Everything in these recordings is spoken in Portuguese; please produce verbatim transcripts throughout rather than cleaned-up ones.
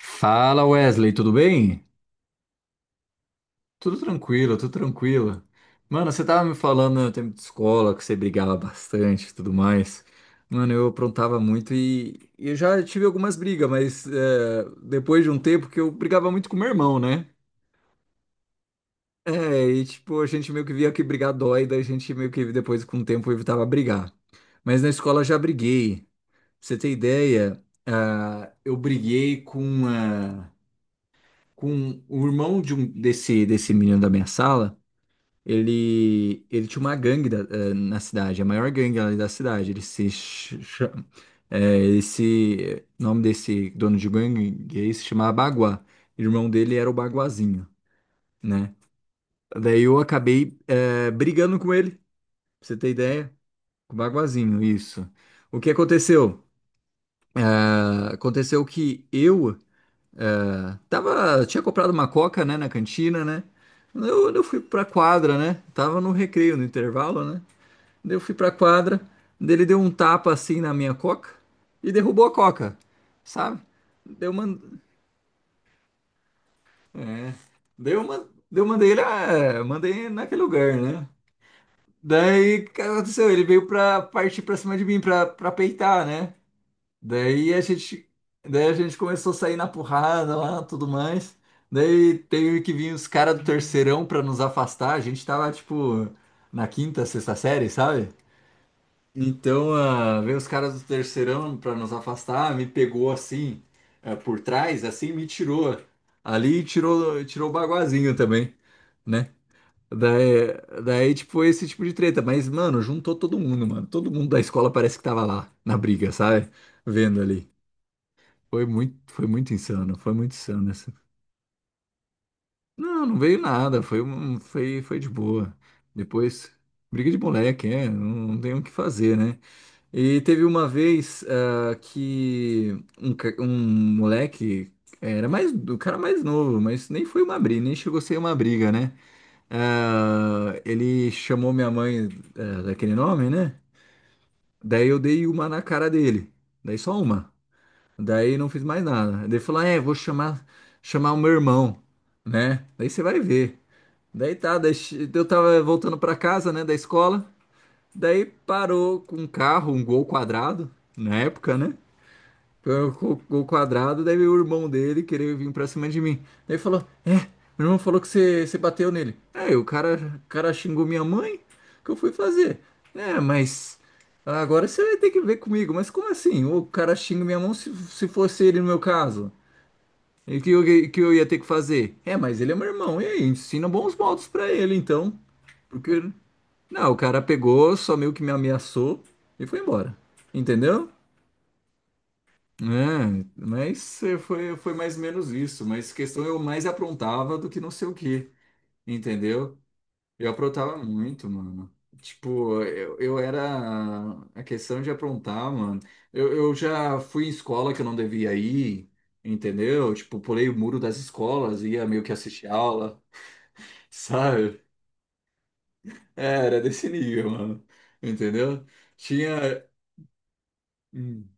Fala Wesley, tudo bem? Tudo tranquilo, tudo tranquilo. Mano, você tava me falando no tempo de escola que você brigava bastante e tudo mais. Mano, eu aprontava muito e, e eu já tive algumas brigas, mas é, depois de um tempo que eu brigava muito com meu irmão, né? É, e tipo, a gente meio que via que brigar dói, daí a gente meio que depois com o tempo evitava brigar. Mas na escola eu já briguei. Pra você ter ideia, ah, eu briguei com. Uma. Com o irmão de um desse desse menino da minha sala. Ele ele tinha uma gangue da- eh, na cidade, a maior gangue ali da cidade. Ele se ch- cha- eh, Esse nome desse dono de gangue gay se chamava Baguá. O irmão dele era o Baguazinho, né? Daí eu acabei eh, brigando com ele, pra você ter ideia, com o Baguazinho, isso. O que aconteceu? Ah, Aconteceu que eu Tava, tinha comprado uma coca, né, na cantina, né? Eu, eu fui pra quadra, né? Tava no recreio, no intervalo, né? Daí eu fui pra quadra, daí ele deu um tapa assim na minha coca e derrubou a coca, sabe? Deu man... é. Daí eu man- daí eu mandei ele, ah, é, mandei naquele lugar, né? Daí o que aconteceu? Ele veio pra partir pra cima de mim pra, pra peitar, né? Daí a gente, daí a gente começou a sair na porrada lá, tudo mais. Daí teve que vir os caras do terceirão pra nos afastar. A gente tava, tipo, na quinta, sexta série, sabe? Então, ah, veio os caras do terceirão pra nos afastar, me pegou assim, ah, por trás, assim, me tirou ali e tirou, tirou o Baguazinho também, né? Daí, daí, tipo, esse tipo de treta. Mas, mano, juntou todo mundo, mano. Todo mundo da escola parece que tava lá, na briga, sabe? Vendo ali. Foi muito, foi muito insano, foi muito insano essa. Não, não veio nada, foi, um- foi, foi de boa. Depois, briga de moleque, é, não, não tem o que fazer, né? E teve uma vez ah, que um, ca- um moleque, era mais, o cara mais novo, mas nem foi uma briga, nem chegou a ser uma briga, né? Ah, ele chamou minha mãe, ah, daquele nome, né? Daí eu dei uma na cara dele, daí só uma. Daí não fiz mais nada. Daí falou, "Ah, é, vou chamar, chamar o meu irmão, né? Daí você vai ver." Daí tá, daí che- eu tava voltando pra casa, né, da escola. Daí parou com um carro, um Gol quadrado, na época, né? Pelo co- o quadrado, daí o irmão dele querer vir pra cima de mim. Daí falou: é, meu irmão falou que você você bateu nele. Aí o cara, o cara xingou minha mãe, o que eu fui fazer? É, mas agora você vai ter que ver comigo. Mas como assim? O cara xinga minha mão se, se fosse ele no meu caso? E que eu, que eu ia ter que fazer? É, mas ele é meu irmão, e aí? Ensina bons modos pra ele, então. Porque. Não, o cara pegou, só meio que me ameaçou e foi embora. Entendeu? É, mas eh, foi, foi mais ou menos isso. Mas questão eu mais aprontava do que não sei o que, entendeu? Eu aprontava muito, mano. Tipo, eu, eu era. A questão de aprontar, mano. Eu, eu já fui em escola que eu não devia ir, entendeu? Tipo, pulei o muro das escolas, ia meio que assistir aula, sabe? É, era desse nível, mano. Entendeu? Tinha. hum,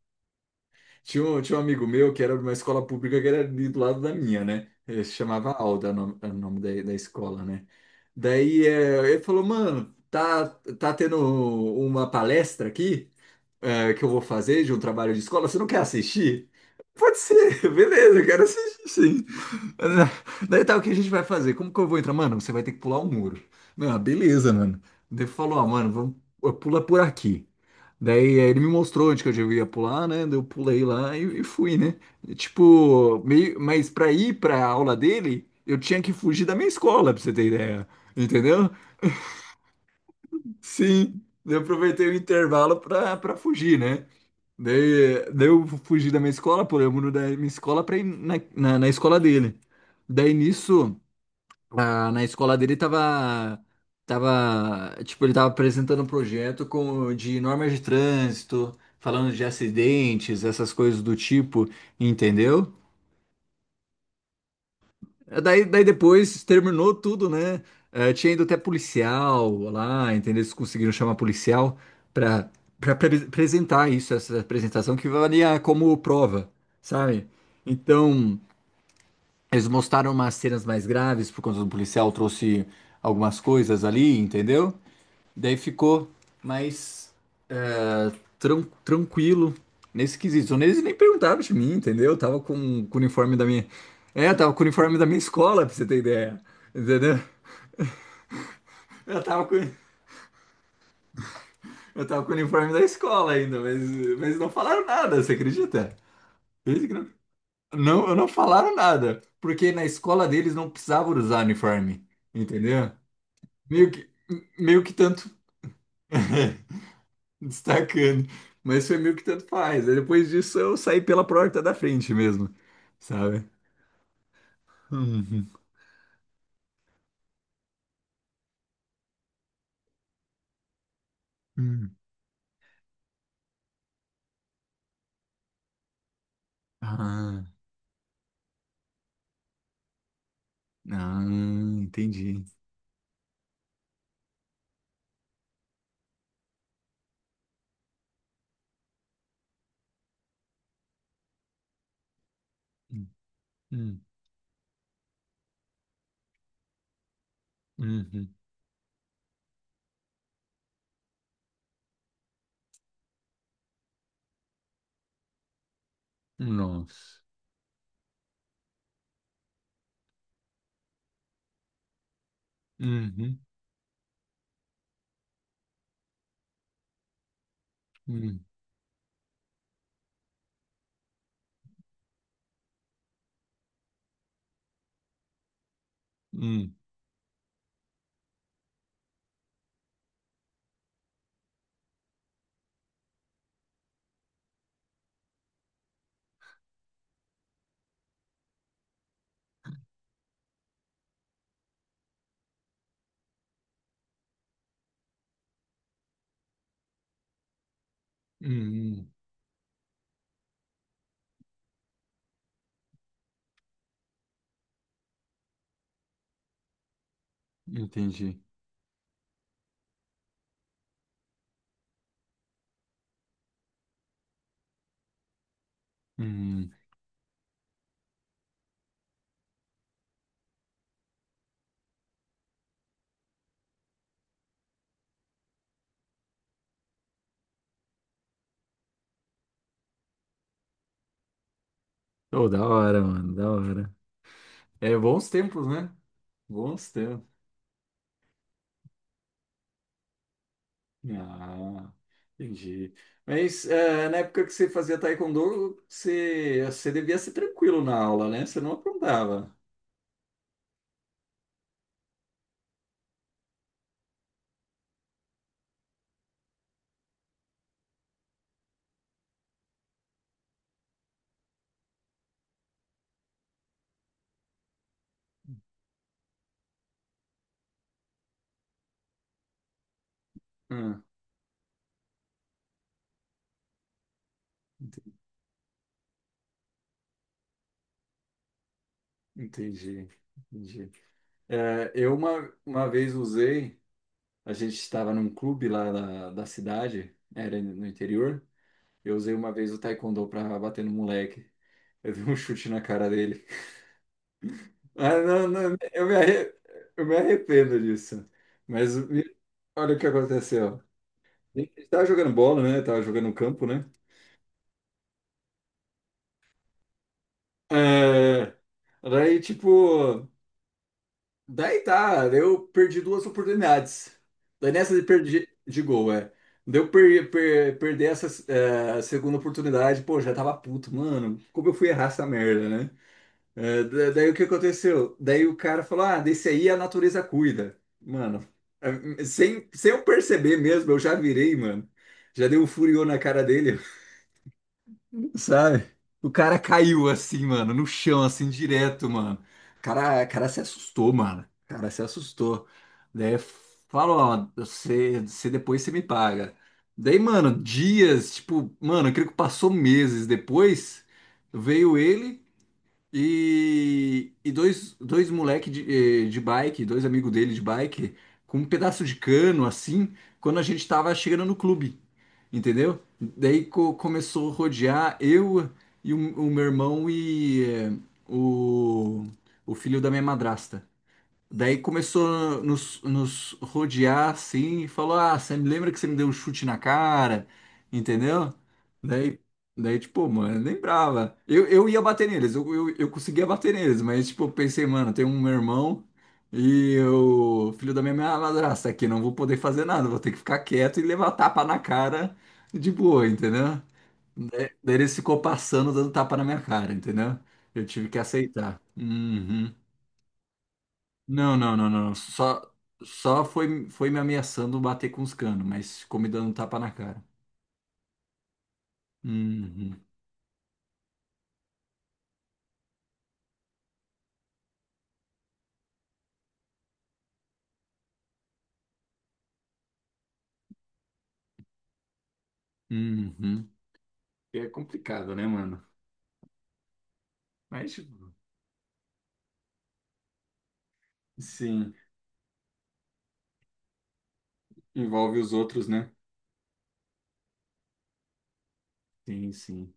Tinha um, tinha um amigo meu que era de uma escola pública que era ali do lado da minha, né? Ele se chamava Alda, o nome, era o nome da, da escola, né? Daí eh, ele falou, mano, tá, tá tendo uma palestra aqui, eh, que eu vou fazer de um trabalho de escola, você não quer assistir? Pode ser, beleza, eu quero assistir sim. Daí tá, o que a gente vai fazer? Como que eu vou entrar? Mano, você vai ter que pular um muro. Não, beleza, mano. Daí falou, ó, mano, vamos, pula por aqui. Daí eh, ele me mostrou onde que eu devia pular, né? Daí eu pulei lá e, e fui, né? E, tipo, meio, mas pra ir pra aula dele, eu tinha que fugir da minha escola, pra você ter ideia. Entendeu? Sim. Daí eu aproveitei o intervalo pra, pra, fugir, né? Daí, daí eu fugi da minha escola, pulei o muro da minha escola pra ir na, na, na escola dele. Daí nisso. Ah, na escola dele tava, tava, tipo, ele tava apresentando um projeto com, de normas de trânsito, falando de acidentes, essas coisas do tipo, entendeu? Eh, Daí, daí depois terminou tudo, né? Eh, tinha ido até policial lá, entendeu? Eles conseguiram chamar policial pra, pra pre- apresentar isso, essa apresentação que valia como prova, sabe? Então, eles mostraram umas cenas mais graves por conta do policial, trouxe algumas coisas ali, entendeu? Daí ficou mais ah, tran tranquilo nesse quesito. Então, eles nem perguntaram de mim, entendeu? Eu tava com, com o uniforme da minha. É, eu tava com o uniforme da minha escola, pra você ter ideia. Entendeu? Eu tava com, eu tava com o uniforme da escola ainda, mas, mas, não falaram nada, você acredita? Eles que não- não, não falaram nada, porque na escola deles não precisava usar uniforme, entendeu? Meio que, meio que tanto. destacando. Mas foi meio que tanto faz. Aí depois disso eu saí pela porta da frente mesmo, sabe? Uhum, uhum. Ah, ah, entendi. Uhum, uhum. Nossa. Uhum, uhum, uhum, uhum. Entendi. Uhum. Oh, da hora, mano, da hora. É bons tempos, né? Bons tempos. Ah, entendi. Mas eh, na época que você fazia taekwondo, você, você devia ser tranquilo na aula, né? Você não aprontava. Ah, ent- entendi, entendi. Eh, eu uma, uma vez usei, a gente estava num clube lá da, da cidade, era no interior. Eu usei uma vez o taekwondo para bater no moleque. Eu dei um chute na cara dele. Ah, não, não, eu me, arre- eu me arrependo disso. Mas me- Olha o que aconteceu. Ele tava jogando bola, né? Tava jogando no campo, né? É, daí, tipo, daí tá, daí eu perdi duas oportunidades. Daí nessa de perdi de gol, é. Daí eu per, per- perdi essa, é, segunda oportunidade, pô, já tava puto, mano. Como eu fui errar essa merda, né? É, da- daí o que aconteceu? Daí o cara falou: ah, desse aí a natureza cuida. Mano, é, sem, sem eu perceber mesmo, eu já virei, mano. Já dei um furiô na cara dele, sabe? O cara caiu assim, mano, no chão, assim, direto, mano. O cara, o cara se assustou, mano. O cara se assustou. Daí falou, ó, você, você depois você me paga. Daí, mano, dias, tipo, mano, eu creio que passou meses depois, veio ele. E, e dois, dois moleque de, eh, de bike, dois amigos dele de bike, com um pedaço de cano assim, quando a gente tava chegando no clube, entendeu? Daí co- começou a rodear eu e o, o meu irmão e eh, o, o filho da minha madrasta. Daí começou a nos, nos rodear assim e falou: Ah, você me lembra que você me deu um chute na cara? Entendeu? Daí, daí tipo, mano, eu lembrava. Eu, eu ia bater neles, eu, eu, eu conseguia bater neles, mas tipo, eu pensei, mano, tem um meu irmão e o filho da minha minha madrasta aqui, não vou poder fazer nada, vou ter que ficar quieto e levar tapa na cara de boa, entendeu? Daí, daí eles ficou passando, dando tapa na minha cara, entendeu? Eu tive que aceitar. Uhum. Não, não, não, não. Só, só foi, foi me ameaçando bater com os canos, mas ficou me dando um tapa na cara. Uhum, uhum. É complicado, né, mano? Mas, sim, envolve os outros, né? Sim, sim.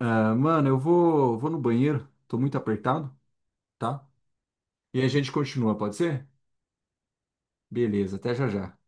Ah, mano, eu vou, vou, no banheiro. Tô muito apertado, tá? E a gente continua, pode ser? Beleza, até já já.